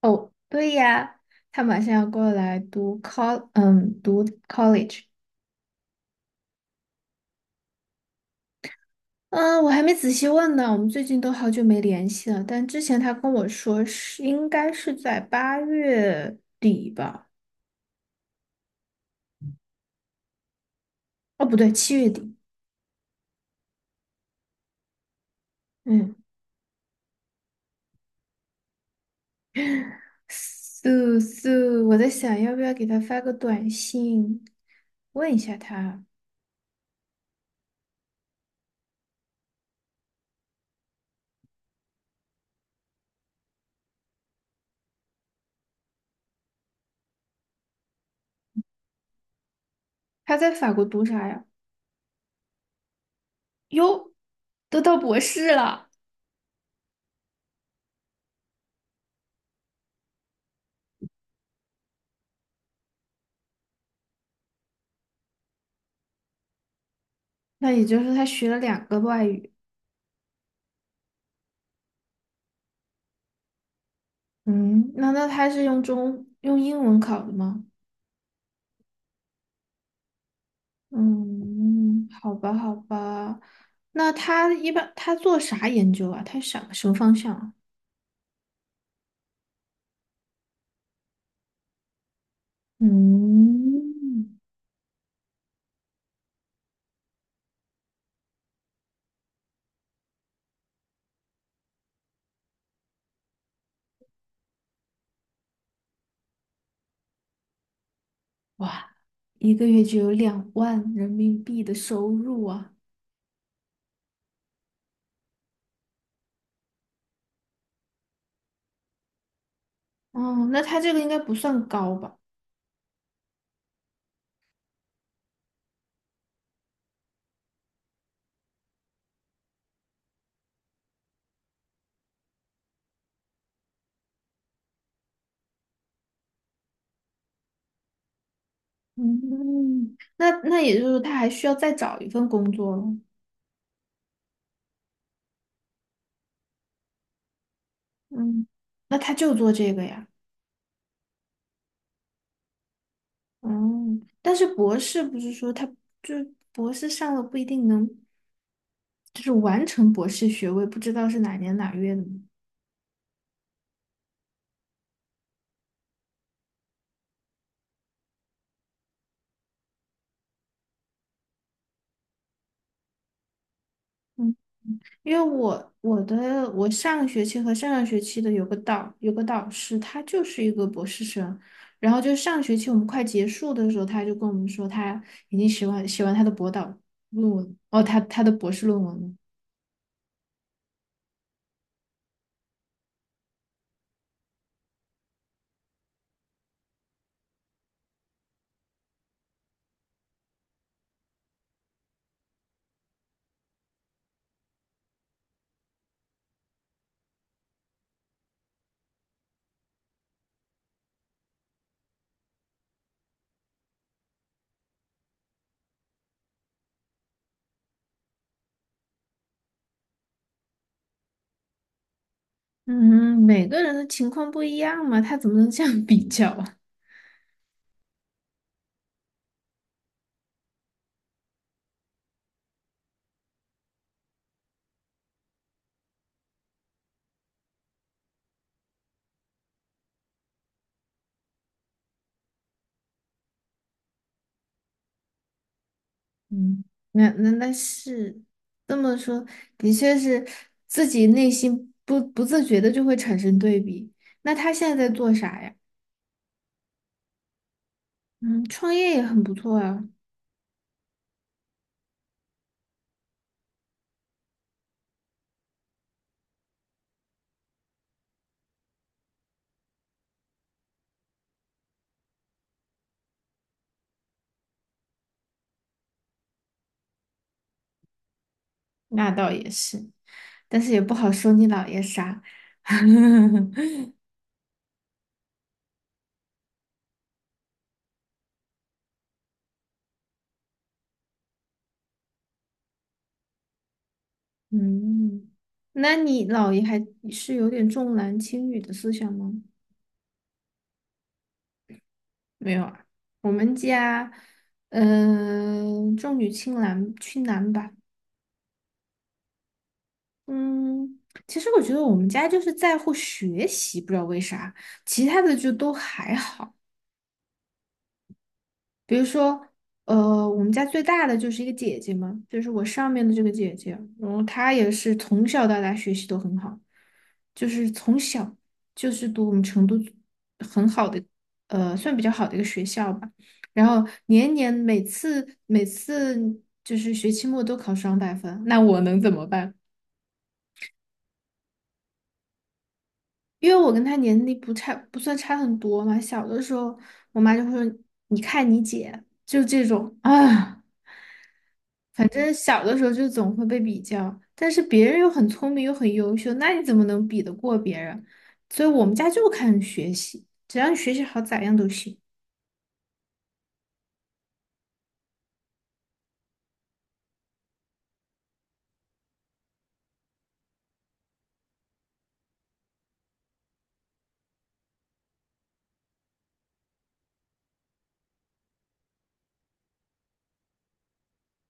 哦，对呀，他马上要过来读 college。嗯，我还没仔细问呢，我们最近都好久没联系了。但之前他跟我说应该是在八月底吧？哦，不对，七月底。嗯，素素，我在想要不要给他发个短信，问一下他，他在法国读啥呀？哟，都到博士了，那也就是他学了两个外语。嗯，那他是用英文考的吗？嗯，好吧，好吧。他一般做啥研究啊？他想什么方向啊？嗯，哇，一个月就有2万人民币的收入啊！哦，那他这个应该不算高吧？嗯，那也就是说他还需要再找一份工作了。嗯，那他就做这个呀。嗯，但是博士不是说他，就是博士上了不一定能，就是完成博士学位，不知道是哪年哪月的吗？嗯，因为我上个学期和上上学期的有个导师，他就是一个博士生，然后就上学期我们快结束的时候，他就跟我们说他已经写完他的博导论文，哦，他他的博士论文了。嗯，每个人的情况不一样嘛，他怎么能这样比较啊？嗯，那是这么说，的确是自己内心不自觉的就会产生对比。那他现在在做啥呀？嗯，创业也很不错啊，那倒也是，但是也不好说你姥爷啥。嗯，那你姥爷还是有点重男轻女的思想吗？没有啊，我们家，重女轻男，轻男吧。嗯，其实我觉得我们家就是在乎学习，不知道为啥，其他的就都还好。比如说，我们家最大的就是一个姐姐嘛，就是我上面的这个姐姐，然后她也是从小到大学习都很好，就是从小就是读我们成都很好的，算比较好的一个学校吧。然后年年每次就是学期末都考双百分，那我能怎么办？因为我跟他年龄不差，不算差很多嘛。小的时候，我妈就会说：“你看你姐，就这种啊。”反正小的时候就总会被比较，但是别人又很聪明又很优秀，那你怎么能比得过别人？所以我们家就看学习，只要你学习好，咋样都行。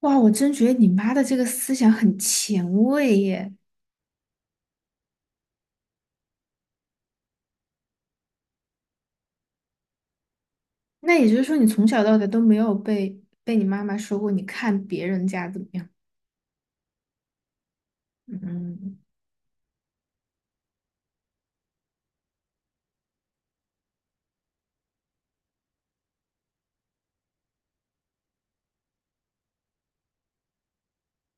哇，我真觉得你妈的这个思想很前卫耶。那也就是说，你从小到大都没有被你妈妈说过，你看别人家怎么样？嗯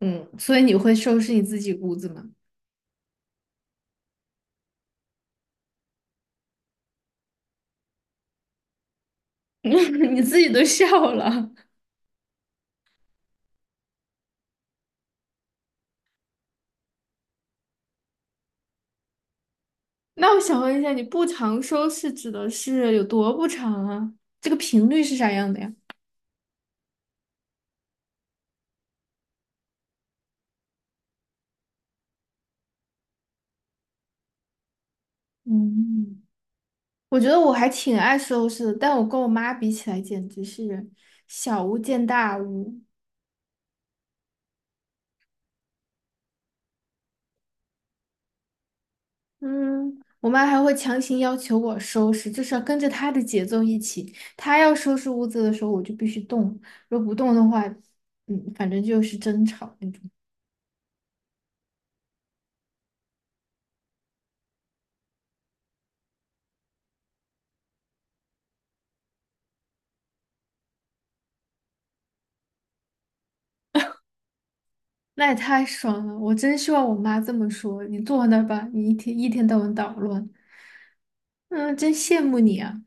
嗯，所以你会收拾你自己屋子吗？你自己都笑了。那我想问一下，你不常收拾指的是有多不常啊？这个频率是啥样的呀？嗯，我觉得我还挺爱收拾的，但我跟我妈比起来，简直是小巫见大巫。嗯，我妈还会强行要求我收拾，就是要跟着她的节奏一起。她要收拾屋子的时候，我就必须动，如果不动的话，反正就是争吵那种。那也太爽了！我真希望我妈这么说。你坐那儿吧，你一天到晚捣乱，嗯，真羡慕你啊。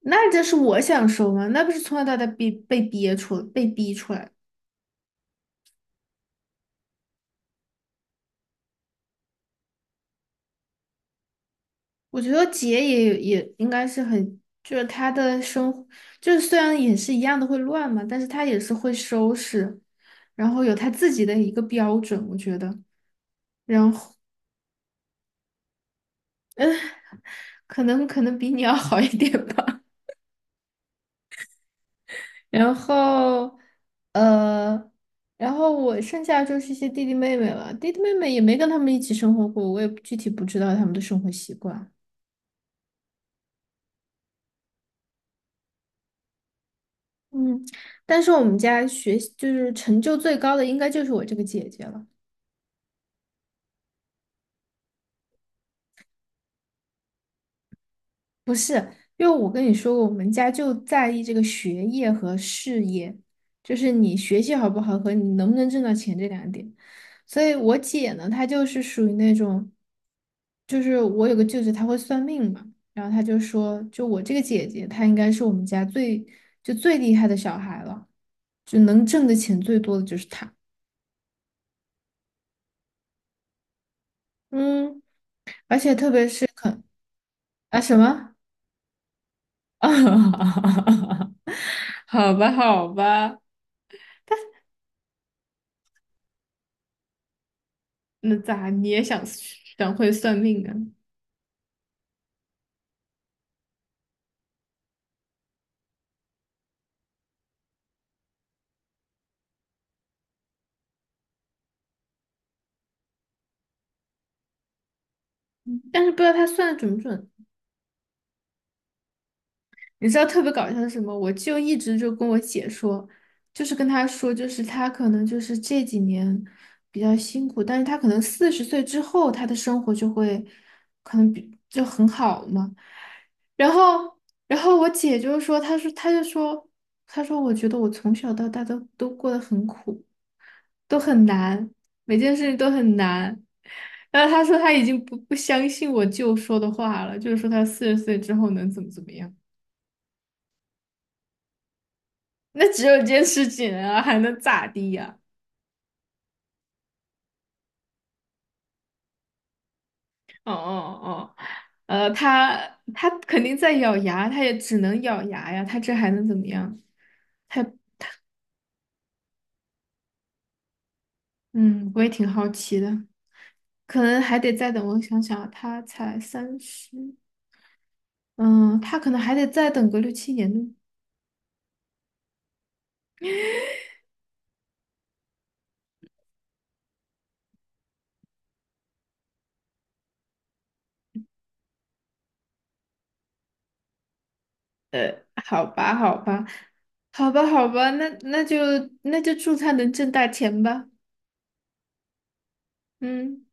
那这是我想说吗？那不是从小到大被逼出来。我觉得姐也应该是很，就是她的生活，就是虽然也是一样的会乱嘛，但是她也是会收拾，然后有她自己的一个标准，我觉得，然后可能比你要好一点吧。然后，呃，然后我剩下就是一些弟弟妹妹了。弟弟妹妹也没跟他们一起生活过，我也具体不知道他们的生活习惯。嗯，但是我们家学习就是成就最高的，应该就是我这个姐姐了。不是，因为我跟你说过，我们家就在意这个学业和事业，就是你学习好不好和你能不能挣到钱这两点。所以我姐呢，她就是属于那种，就是我有个舅舅，他会算命嘛，然后他就说，就我这个姐姐，她应该是我们家最厉害的小孩了，就能挣的钱最多的就是她。嗯，而且特别是啊，什么？好吧，好吧。那咋你也想想会算命啊？但是不知道他算的准不准。你知道特别搞笑的是什么？我就一直就跟我姐说，就是跟她说，就是她可能就是这几年比较辛苦，但是她可能四十岁之后，她的生活就会可能就很好嘛。然后，然后我姐就说，她说，我觉得我从小到大都过得很苦。都很难，每件事情都很难。然后他说他已经不相信我舅说的话了，就是说他四十岁之后能怎么怎么样？那只有坚持几年啊，还能咋地呀、哦哦哦，呃，他他肯定在咬牙，他也只能咬牙呀，他这还能怎么样？嗯，我也挺好奇的，可能还得再等。我想想啊他才30，嗯，他可能还得再等个6、7年呢。好吧，好吧，好吧，好吧，那就祝他能挣大钱吧。嗯。